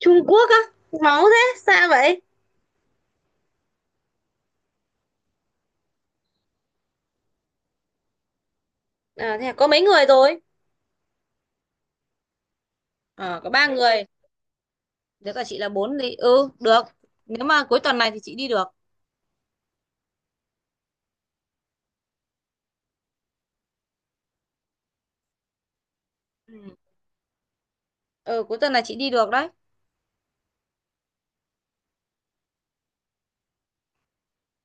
Trung Quốc á, máu thế xa vậy. À, thế có mấy người rồi? Ờ, có ba người, nếu cả chị là bốn thì được. Nếu mà cuối tuần này thì chị đi được. Ừ. Ừ, cuối tuần này chị đi được đấy.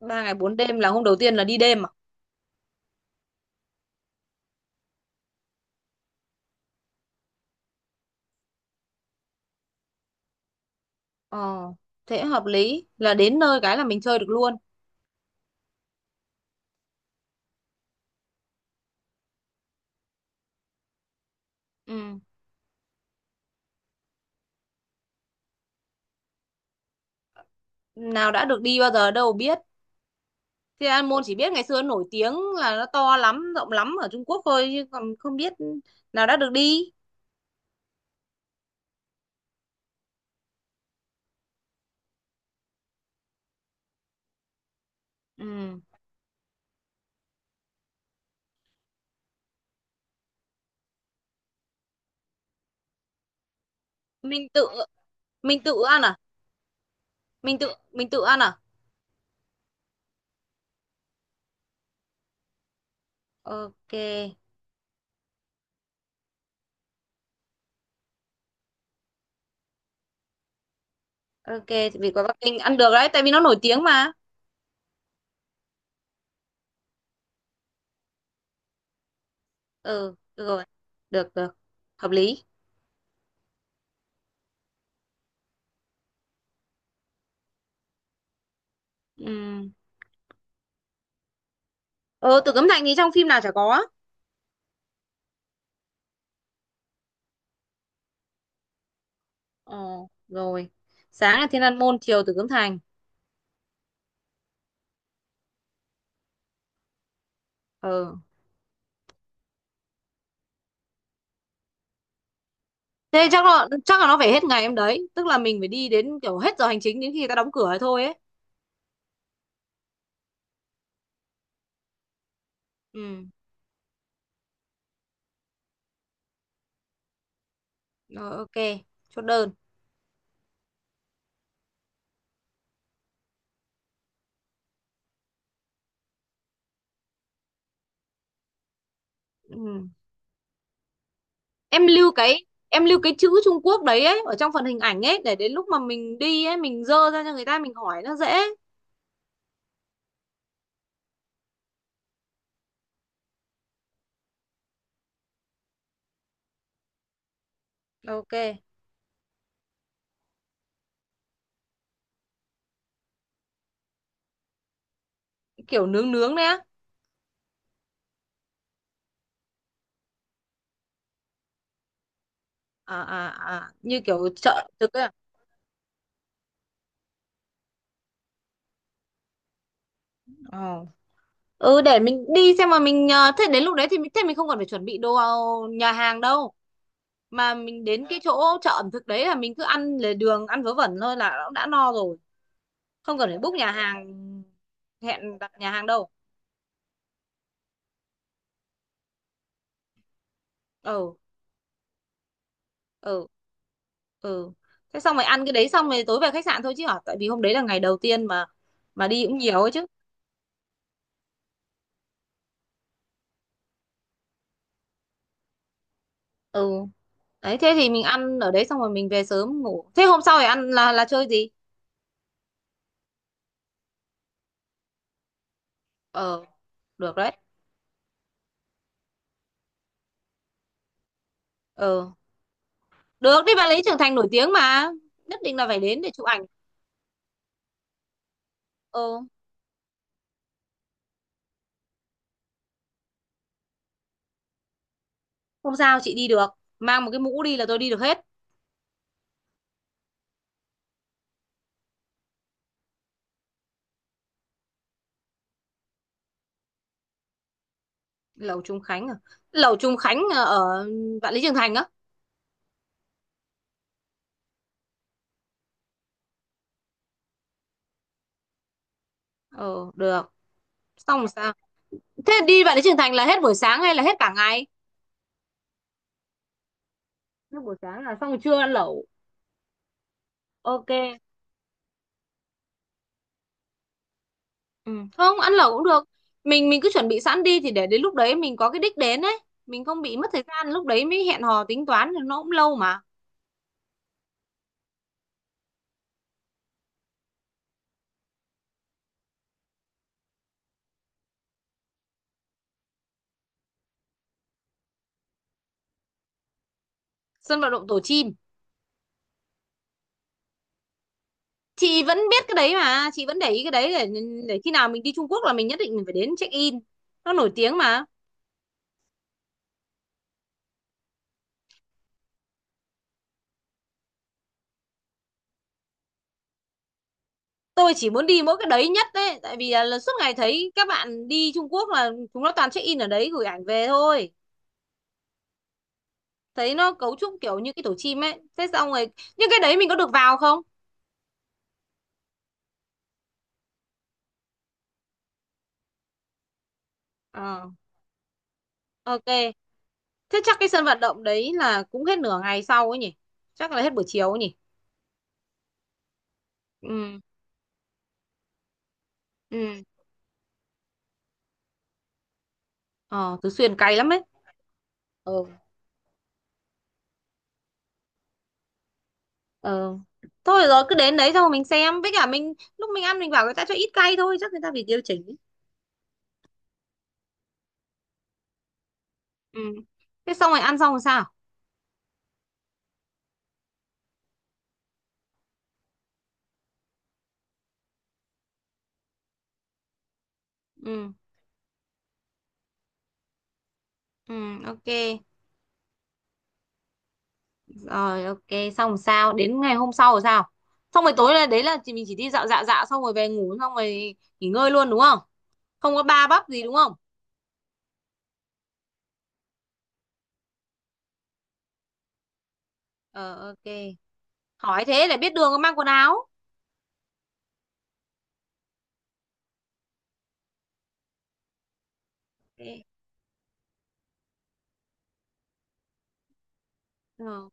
Ba ngày bốn đêm là hôm đầu tiên là đi đêm à? Ờ, thế hợp lý là đến nơi cái là mình chơi được luôn. Ừ. Nào đã được đi bao giờ đâu biết. Thì An Môn chỉ biết ngày xưa nổi tiếng là nó to lắm, rộng lắm ở Trung Quốc thôi chứ còn không biết, nào đã được đi. Ừ. mình tự mình tự ăn à? Mình tự ăn à? Ok. Ok, thì vì có Bắc Kinh ăn được đấy tại vì nó nổi tiếng mà. Ừ, được rồi. Được, được. Hợp lý. Ừ. Ờ, Tử Cấm Thành thì trong phim nào chả có. Ờ, rồi. Sáng là Thiên An Môn, chiều Tử Cấm Thành. Ừ, thế chắc là nó phải hết ngày em đấy, tức là mình phải đi đến kiểu hết giờ hành chính, đến khi người ta đóng cửa ấy thôi ấy. Ừ. Rồi ok, chốt đơn. Ừ. Em lưu cái chữ Trung Quốc đấy ấy ở trong phần hình ảnh ấy để đến lúc mà mình đi ấy mình dơ ra cho người ta mình hỏi nó dễ. Ok. Kiểu nướng nướng đấy á? À à à, như kiểu chợ thực ấy à? Ờ. Ừ, để mình đi xem mà mình thế đến lúc đấy thì mình, thế mình không cần phải chuẩn bị đồ nhà hàng đâu, mà mình đến cái chỗ chợ ẩm thực đấy là mình cứ ăn lề đường ăn vớ vẩn thôi là nó đã no rồi. Không cần phải book nhà hàng, hẹn đặt nhà hàng đâu. Ừ. Ừ. Ừ, thế xong rồi ăn cái đấy xong rồi tối về khách sạn thôi chứ hả, tại vì hôm đấy là ngày đầu tiên mà đi cũng nhiều ấy chứ. Ừ. Đấy, thế thì mình ăn ở đấy xong rồi mình về sớm ngủ. Thế hôm sau phải ăn, là chơi gì? Ờ, được đấy. Ờ, được, đi bạn lý trưởng thành nổi tiếng mà. Nhất định là phải đến để chụp ảnh. Ờ, không sao, chị đi được. Mang một cái mũ đi là tôi đi được hết. Lầu Trung Khánh à? Lầu Trung Khánh à, ở Vạn Lý Trường Thành á? Ờ, được. Xong rồi sao? Thế đi Vạn Lý Trường Thành là hết buổi sáng hay là hết cả ngày? Hết buổi sáng là xong rồi trưa ăn lẩu. Ok. Ừ. Không, ăn lẩu cũng được. Mình cứ chuẩn bị sẵn đi thì để đến lúc đấy mình có cái đích đến ấy, mình không bị mất thời gian lúc đấy mới hẹn hò tính toán thì nó cũng lâu mà. Sân vận động Tổ chim. Chị vẫn biết cái đấy mà, chị vẫn để ý cái đấy để khi nào mình đi Trung Quốc là mình nhất định mình phải đến check in. Nó nổi tiếng mà. Tôi chỉ muốn đi mỗi cái đấy nhất đấy, tại vì là suốt ngày thấy các bạn đi Trung Quốc là chúng nó toàn check in ở đấy gửi ảnh về thôi. Thấy nó cấu trúc kiểu như cái tổ chim ấy. Thế xong rồi, nhưng cái đấy mình có được vào không? Ờ, ok. Thế chắc cái sân vận động đấy là cũng hết nửa ngày sau ấy nhỉ? Chắc là hết buổi chiều ấy nhỉ? Ừ. Ừ. Ờ, Tứ Xuyên cay lắm ấy. Ờ, ờ. Thôi rồi cứ đến đấy xong rồi mình xem. Với cả mình lúc mình ăn mình bảo người ta cho ít cay thôi. Chắc người ta phải điều chỉnh ấy. Ừ. Thế xong rồi ăn xong rồi sao? Ừ. Ừ. Ok. Rồi ok, xong rồi sao? Đến ngày hôm sau rồi sao? Xong rồi tối là đấy là chỉ, mình chỉ đi dạo dạo dạo xong rồi về ngủ xong rồi nghỉ ngơi luôn đúng không? Không có ba bắp gì đúng không? Ờ, ok. Hỏi thế để biết đường có mang quần áo. Ok. Ờ,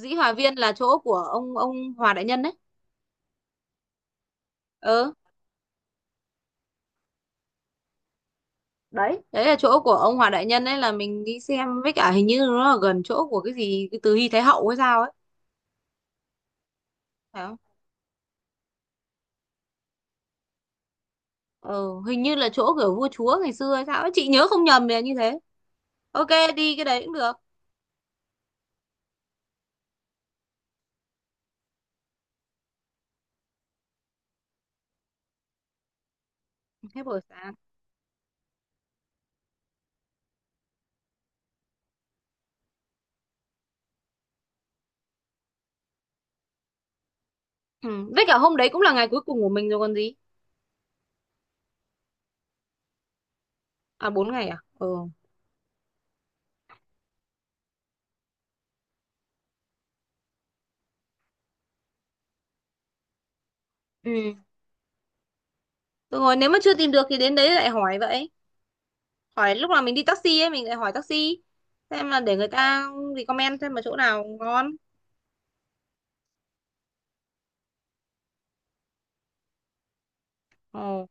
Dĩ Hòa Viên là chỗ của ông Hòa Đại Nhân đấy. Ờ, đấy, đấy là chỗ của ông Hòa Đại Nhân đấy, là mình đi xem với cả hình như nó là gần chỗ của cái gì cái Từ Hy Thái Hậu hay sao ấy. Phải không? Ờ, hình như là chỗ của vua chúa ngày xưa hay sao ấy. Chị nhớ không nhầm thì là như thế. Ok, đi cái đấy cũng được. Hết buổi sáng. Ừ. Với cả hôm đấy cũng là ngày cuối cùng của mình rồi còn gì. À 4 ngày à? Ừ. Ừ. Được rồi, nếu mà chưa tìm được thì đến đấy lại hỏi vậy. Hỏi lúc nào mình đi taxi ấy, mình lại hỏi taxi. Xem là để người ta recommend xem là chỗ nào ngon. Ờ,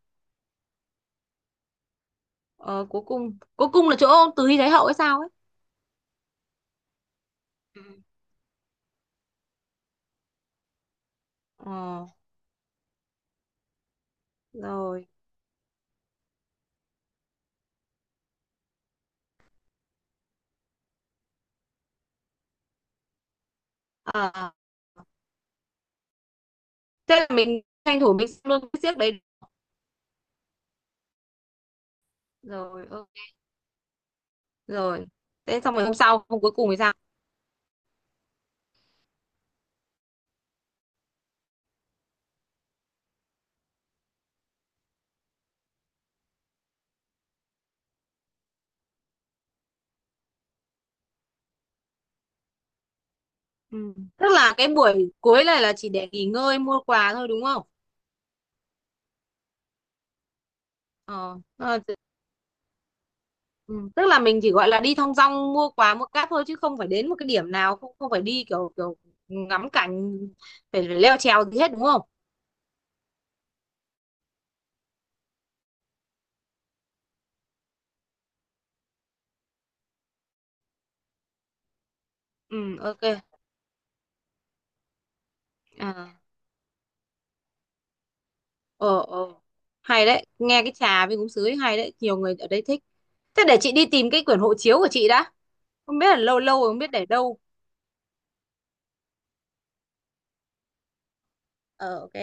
ờ, cuối cùng là chỗ Từ Hy Thái Hậu hay sao ấy. Ừ. Ờ, rồi. À, thế là mình tranh thủ mình xem luôn cái xiếc đấy. Rồi ok, rồi, thế xong rồi hôm sau hôm cuối cùng thì sao? Ừ, tức là cái buổi cuối này là chỉ để nghỉ ngơi mua quà thôi đúng không? ờ, ờ, t- ừ, tức là mình chỉ gọi là đi thong dong mua quà mua cáp thôi chứ không phải đến một cái điểm nào, không không phải đi kiểu kiểu ngắm cảnh, phải, phải leo trèo gì hết đúng không? Ừ, ok. À. Ờ, ờ, hay đấy, nghe cái trà với gúng sứ ấy hay đấy, nhiều người ở đây thích. Thế để chị đi tìm cái quyển hộ chiếu của chị đã, không biết là lâu lâu rồi không biết để đâu. Ờ, ok.